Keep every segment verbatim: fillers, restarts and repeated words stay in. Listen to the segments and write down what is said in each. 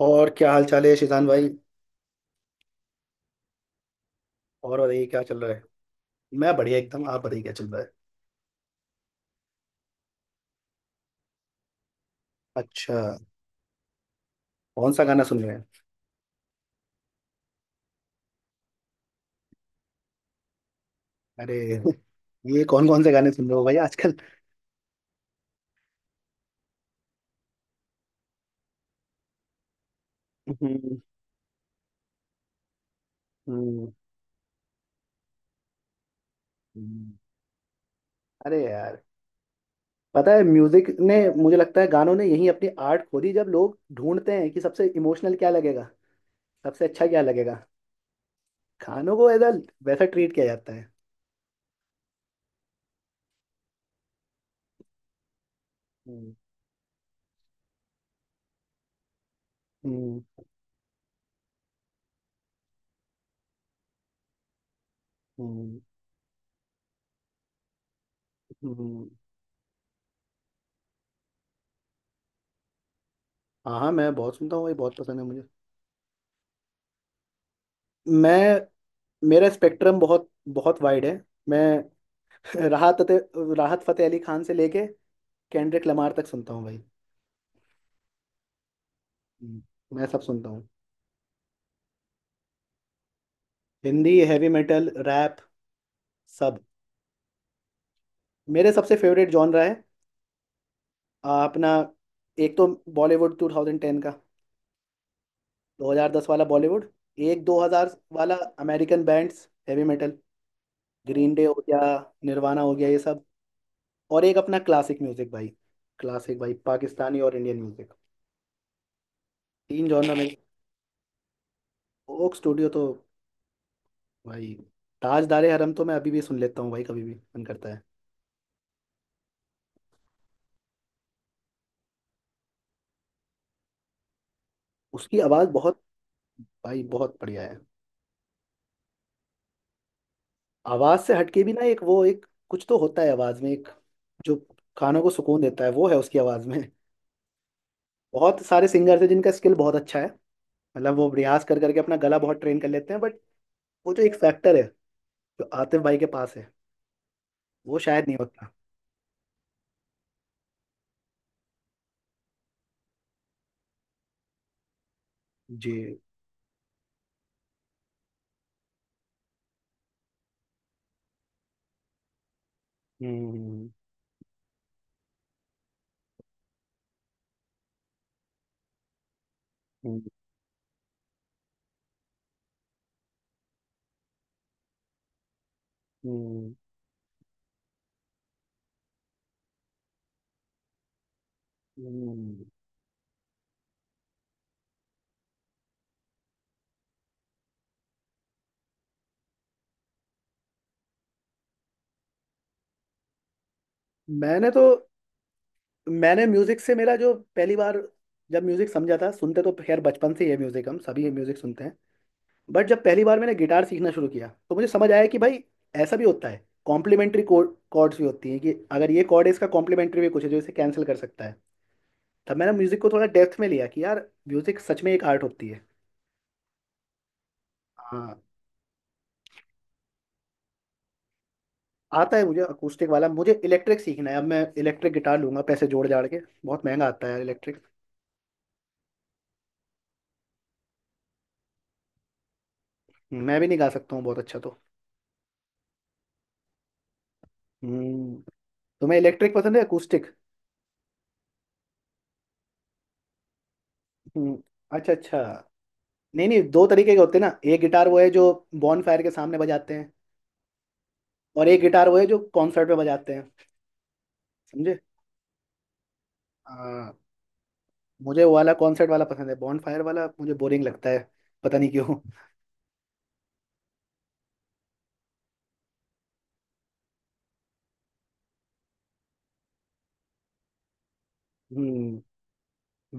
और क्या हाल चाल है शिजान भाई। और बताइए क्या चल रहा है। मैं बढ़िया एकदम। आप बताइए क्या चल रहा है। अच्छा। कौन सा गाना सुन रहे हैं। अरे। ये कौन कौन से गाने सुन रहे हो भाई आजकल। हम्म, हम्म, हम्म। अरे यार। पता है म्यूजिक ने, मुझे लगता है गानों ने यही अपनी आर्ट खो दी जब लोग ढूंढते हैं कि सबसे इमोशनल क्या लगेगा, सबसे अच्छा क्या लगेगा। गानों को ऐसा वैसा ट्रीट किया जाता है। हम्म हम्म हम्म हम्म। हाँ हाँ मैं बहुत सुनता हूँ, ये बहुत पसंद है मुझे। मैं, मेरा स्पेक्ट्रम बहुत बहुत वाइड है। मैं राहत फतेह राहत फतेह अली खान से लेके केंड्रिक लमार तक सुनता हूँ भाई। हम्म। मैं सब सुनता हूँ। हिंदी हैवी मेटल रैप सब। मेरे सबसे फेवरेट जॉनरा है। आ, अपना एक तो बॉलीवुड दो हज़ार दस का, दो हज़ार दस वाला बॉलीवुड, एक दो हज़ार वाला American bands heavy metal. Green Day हो गया, निर्वाणा हो गया ये सब। और एक अपना क्लासिक म्यूजिक भाई, क्लासिक भाई पाकिस्तानी और इंडियन म्यूजिक। तीन जॉनर में। ओक स्टूडियो तो भाई, ताजदारे हरम तो मैं अभी भी सुन लेता हूँ भाई, कभी भी मन करता है। उसकी आवाज़ बहुत, भाई बहुत बढ़िया है। आवाज़ से हटके भी ना एक वो एक कुछ तो होता है आवाज़ में, एक जो कानों को सुकून देता है वो है उसकी आवाज़ में। बहुत सारे सिंगर्स हैं जिनका स्किल बहुत अच्छा है, मतलब वो रियाज कर करके अपना गला बहुत ट्रेन कर लेते हैं बट वो जो एक फैक्टर है, जो आतिफ भाई के पास है, वो शायद नहीं होता। जी। हम्म हम्म हम्म हम्म। मैंने तो मैंने म्यूजिक से, मेरा जो पहली बार जब म्यूजिक समझा था, सुनते तो खैर बचपन से ही है, म्यूजिक हम सभी म्यूजिक सुनते हैं, बट जब पहली बार मैंने गिटार सीखना शुरू किया तो मुझे समझ आया कि भाई ऐसा भी होता है, कॉम्प्लीमेंट्री कोड कॉर्ड्स भी होती हैं कि अगर ये कॉर्ड है इसका कॉम्प्लीमेंट्री भी कुछ है जो इसे कैंसिल कर सकता है। तब मैंने म्यूजिक को थोड़ा डेप्थ में लिया कि यार म्यूजिक सच में एक आर्ट होती है। हाँ। आता है मुझे अकूस्टिक वाला, मुझे इलेक्ट्रिक सीखना है। अब मैं इलेक्ट्रिक गिटार लूंगा पैसे जोड़ जाड़ के, बहुत महंगा आता है इलेक्ट्रिक। मैं भी नहीं गा सकता हूँ बहुत अच्छा तो। हम्म। तुम्हें इलेक्ट्रिक पसंद है अकूस्टिक। हम्म, अच्छा अच्छा। नहीं नहीं दो तरीके के होते हैं ना, एक गिटार वो है जो बॉन फायर के सामने बजाते हैं, और एक गिटार वो है जो कॉन्सर्ट में बजाते हैं, समझे। हाँ। मुझे वो वाला कॉन्सर्ट वाला पसंद है, बॉन फायर वाला मुझे बोरिंग लगता है, पता नहीं क्यों। हम्म।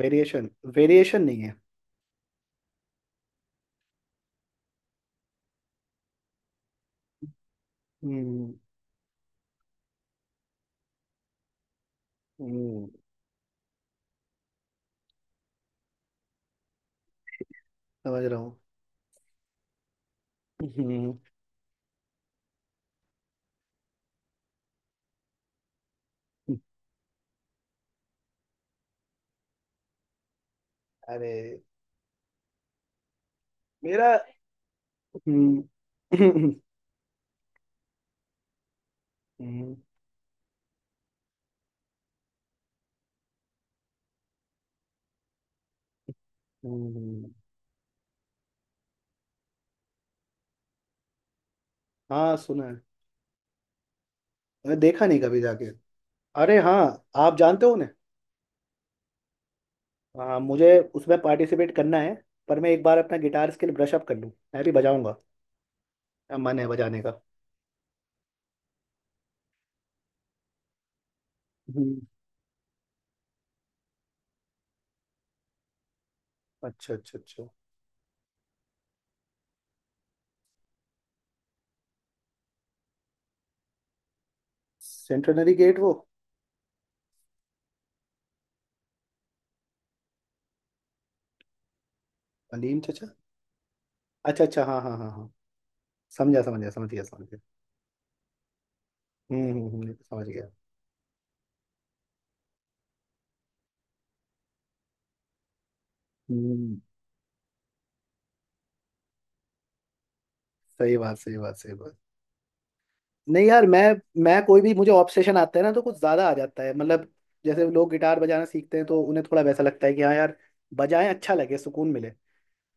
वेरिएशन, वेरिएशन नहीं है। हम्म हम्म, समझ रहा हूँ। हम्म, अरे मेरा। हम्म हम्म, हम्म, हम्म, हाँ सुना है। मैंने देखा नहीं कभी जाके। अरे हाँ आप जानते हो उन्हें। आ, मुझे उसमें पार्टिसिपेट करना है, पर मैं एक बार अपना गिटार स्किल ब्रश अप कर लूँ मैं भी बजाऊंगा। आ, मन है बजाने का। हम्म। अच्छा अच्छा अच्छा। सेंटेनरी गेट वो। अलीम चचा। अच्छा अच्छा हाँ हाँ हाँ हाँ। समझा समझा समझ गया समझ गया। हम्म हम्म हम्म, समझ गया। हम्म। सही बात सही बात सही बात। नहीं यार, मैं मैं कोई भी, मुझे ऑब्सेशन आता है ना तो कुछ ज्यादा आ जाता है मतलब। जैसे लोग गिटार बजाना सीखते हैं तो उन्हें थोड़ा वैसा लगता है कि हाँ यार बजाएं, अच्छा लगे, सुकून मिले।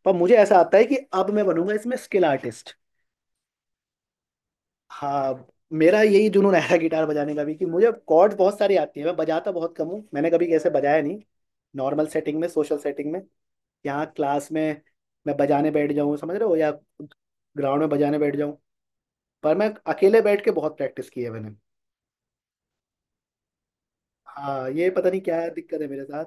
पर मुझे ऐसा आता है कि अब मैं बनूंगा इसमें स्किल आर्टिस्ट। हाँ। मेरा यही जुनून है गिटार बजाने का भी कि मुझे कॉर्ड बहुत सारी आती है, मैं बजाता बहुत कम हूँ, मैंने कभी कैसे बजाया नहीं। नॉर्मल सेटिंग में सोशल सेटिंग में, यहाँ क्लास में मैं बजाने बैठ जाऊँ, समझ रहे हो, या ग्राउंड में बजाने बैठ जाऊँ। पर मैं अकेले बैठ के बहुत प्रैक्टिस की है मैंने। हाँ ये पता नहीं क्या दिक्कत है मेरे साथ।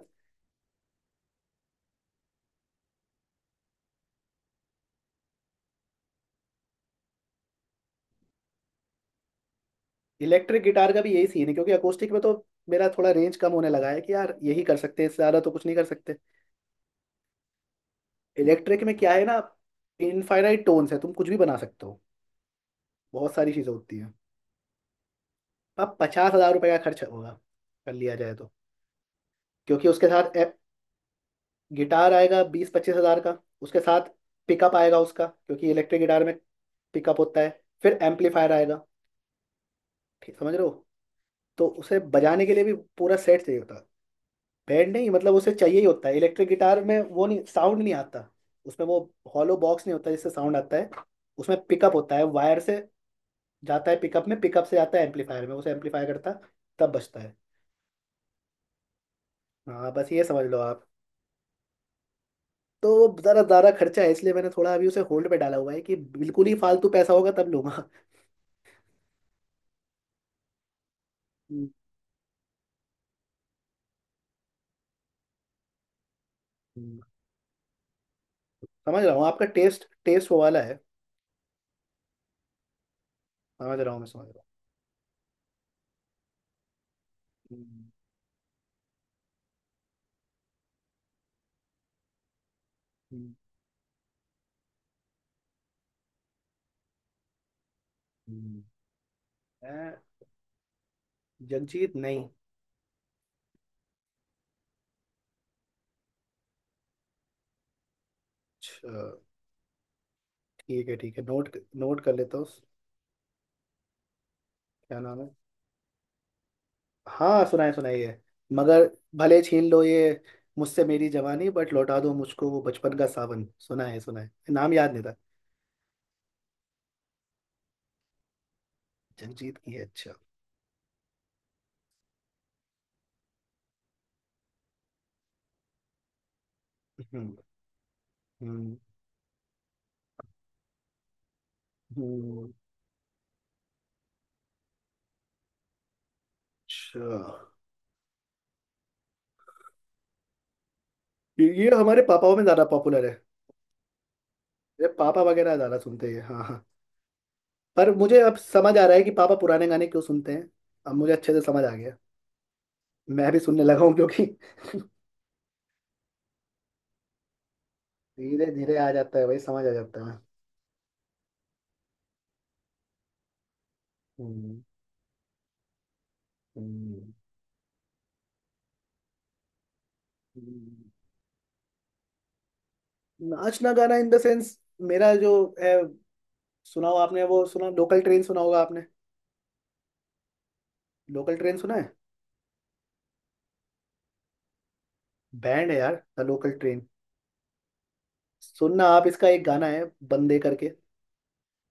इलेक्ट्रिक गिटार का भी यही सीन है क्योंकि अकोस्टिक में तो मेरा थोड़ा रेंज कम होने लगा है कि यार यही कर सकते हैं, इससे ज़्यादा तो कुछ नहीं कर सकते। इलेक्ट्रिक में क्या है ना, इनफाइनाइट टोन्स है, तुम कुछ भी बना सकते हो, बहुत सारी चीज़ें होती हैं। अब पचास हजार रुपये का खर्च होगा, कर लिया जाए तो, क्योंकि उसके साथ ए- गिटार आएगा बीस पच्चीस हजार का, उसके साथ पिकअप आएगा उसका, क्योंकि इलेक्ट्रिक गिटार में पिकअप होता है, फिर एम्पलीफायर आएगा, ठीक समझ रहे हो। तो उसे बजाने के लिए भी पूरा सेट चाहिए होता है। बैंड नहीं, मतलब उसे चाहिए ही होता है, इलेक्ट्रिक गिटार में वो नहीं, साउंड नहीं आता। उसमें वो हॉलो बॉक्स नहीं होता जिससे साउंड आता है, उसमें पिकअप होता है, वायर से जाता है पिकअप में, पिकअप से जाता है एम्पलीफायर में, उसे एम्पलीफाई करता है, तब बजता है। हाँ बस ये समझ लो आप। तो वो ज़रा ज़्यादा खर्चा है, इसलिए मैंने थोड़ा अभी उसे होल्ड पे डाला हुआ है, कि बिल्कुल ही फालतू पैसा होगा तब लूंगा। हम्म, हम्म, समझ रहा हूँ आपका टेस्ट, टेस्ट वो वाला है। समझ रहा हूँ मैं समझ रहा हूँ। हम्म, हम्म, हम्म। हूँ। मैं। जगजीत नहीं। अच्छा, ठीक है ठीक है, नोट, नोट कर लेता हूँ। क्या नाम है। हाँ सुनाए सुनाइए। मगर भले छीन लो ये मुझसे मेरी जवानी, बट लौटा दो मुझको वो बचपन का सावन, सुना है सुना है नाम याद नहीं था। जगजीत की है अच्छा। हम्म हम्म हम्म, अच्छा। ये ये हमारे पापाओं में ज्यादा पॉपुलर है। ये पापा वगैरह ज्यादा सुनते हैं हाँ हाँ। पर मुझे अब समझ आ रहा है कि पापा पुराने गाने क्यों सुनते हैं, अब मुझे अच्छे से समझ आ गया, मैं भी सुनने लगा हूँ क्योंकि धीरे धीरे आ जाता है भाई, समझ आ जाता है। हम्म, हम्म, हम्म। नाचना गाना इन द सेंस, मेरा जो है, सुना हो आपने वो, सुना लोकल ट्रेन सुना होगा आपने। लोकल ट्रेन सुना है। बैंड है यार द लोकल ट्रेन। सुनना आप, इसका एक गाना है बंदे करके,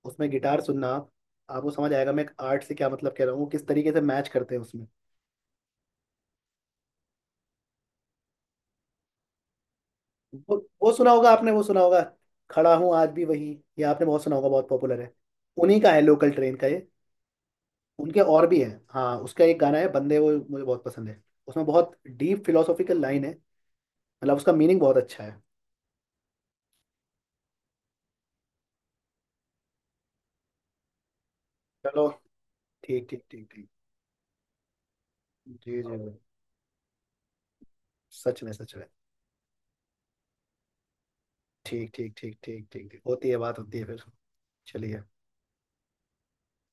उसमें गिटार सुनना आप, आपको समझ आएगा मैं एक आर्ट से क्या मतलब कह रहा हूँ, वो किस तरीके से मैच करते हैं उसमें। वो वो सुना होगा आपने, वो सुना होगा, खड़ा हूँ आज भी वही, ये आपने बहुत सुना होगा, बहुत पॉपुलर है। उन्हीं का है, लोकल ट्रेन का ये। उनके और भी हैं, हाँ, उसका एक गाना है बंदे, वो मुझे बहुत पसंद है। उसमें बहुत डीप फिलोसॉफिकल लाइन है, मतलब उसका मीनिंग बहुत अच्छा है। चलो। ठीक ठीक ठीक ठीक। जी जी। सच में सच में। ठीक ठीक ठीक ठीक ठीक ठीक, होती है बात, होती है फिर, चलिए।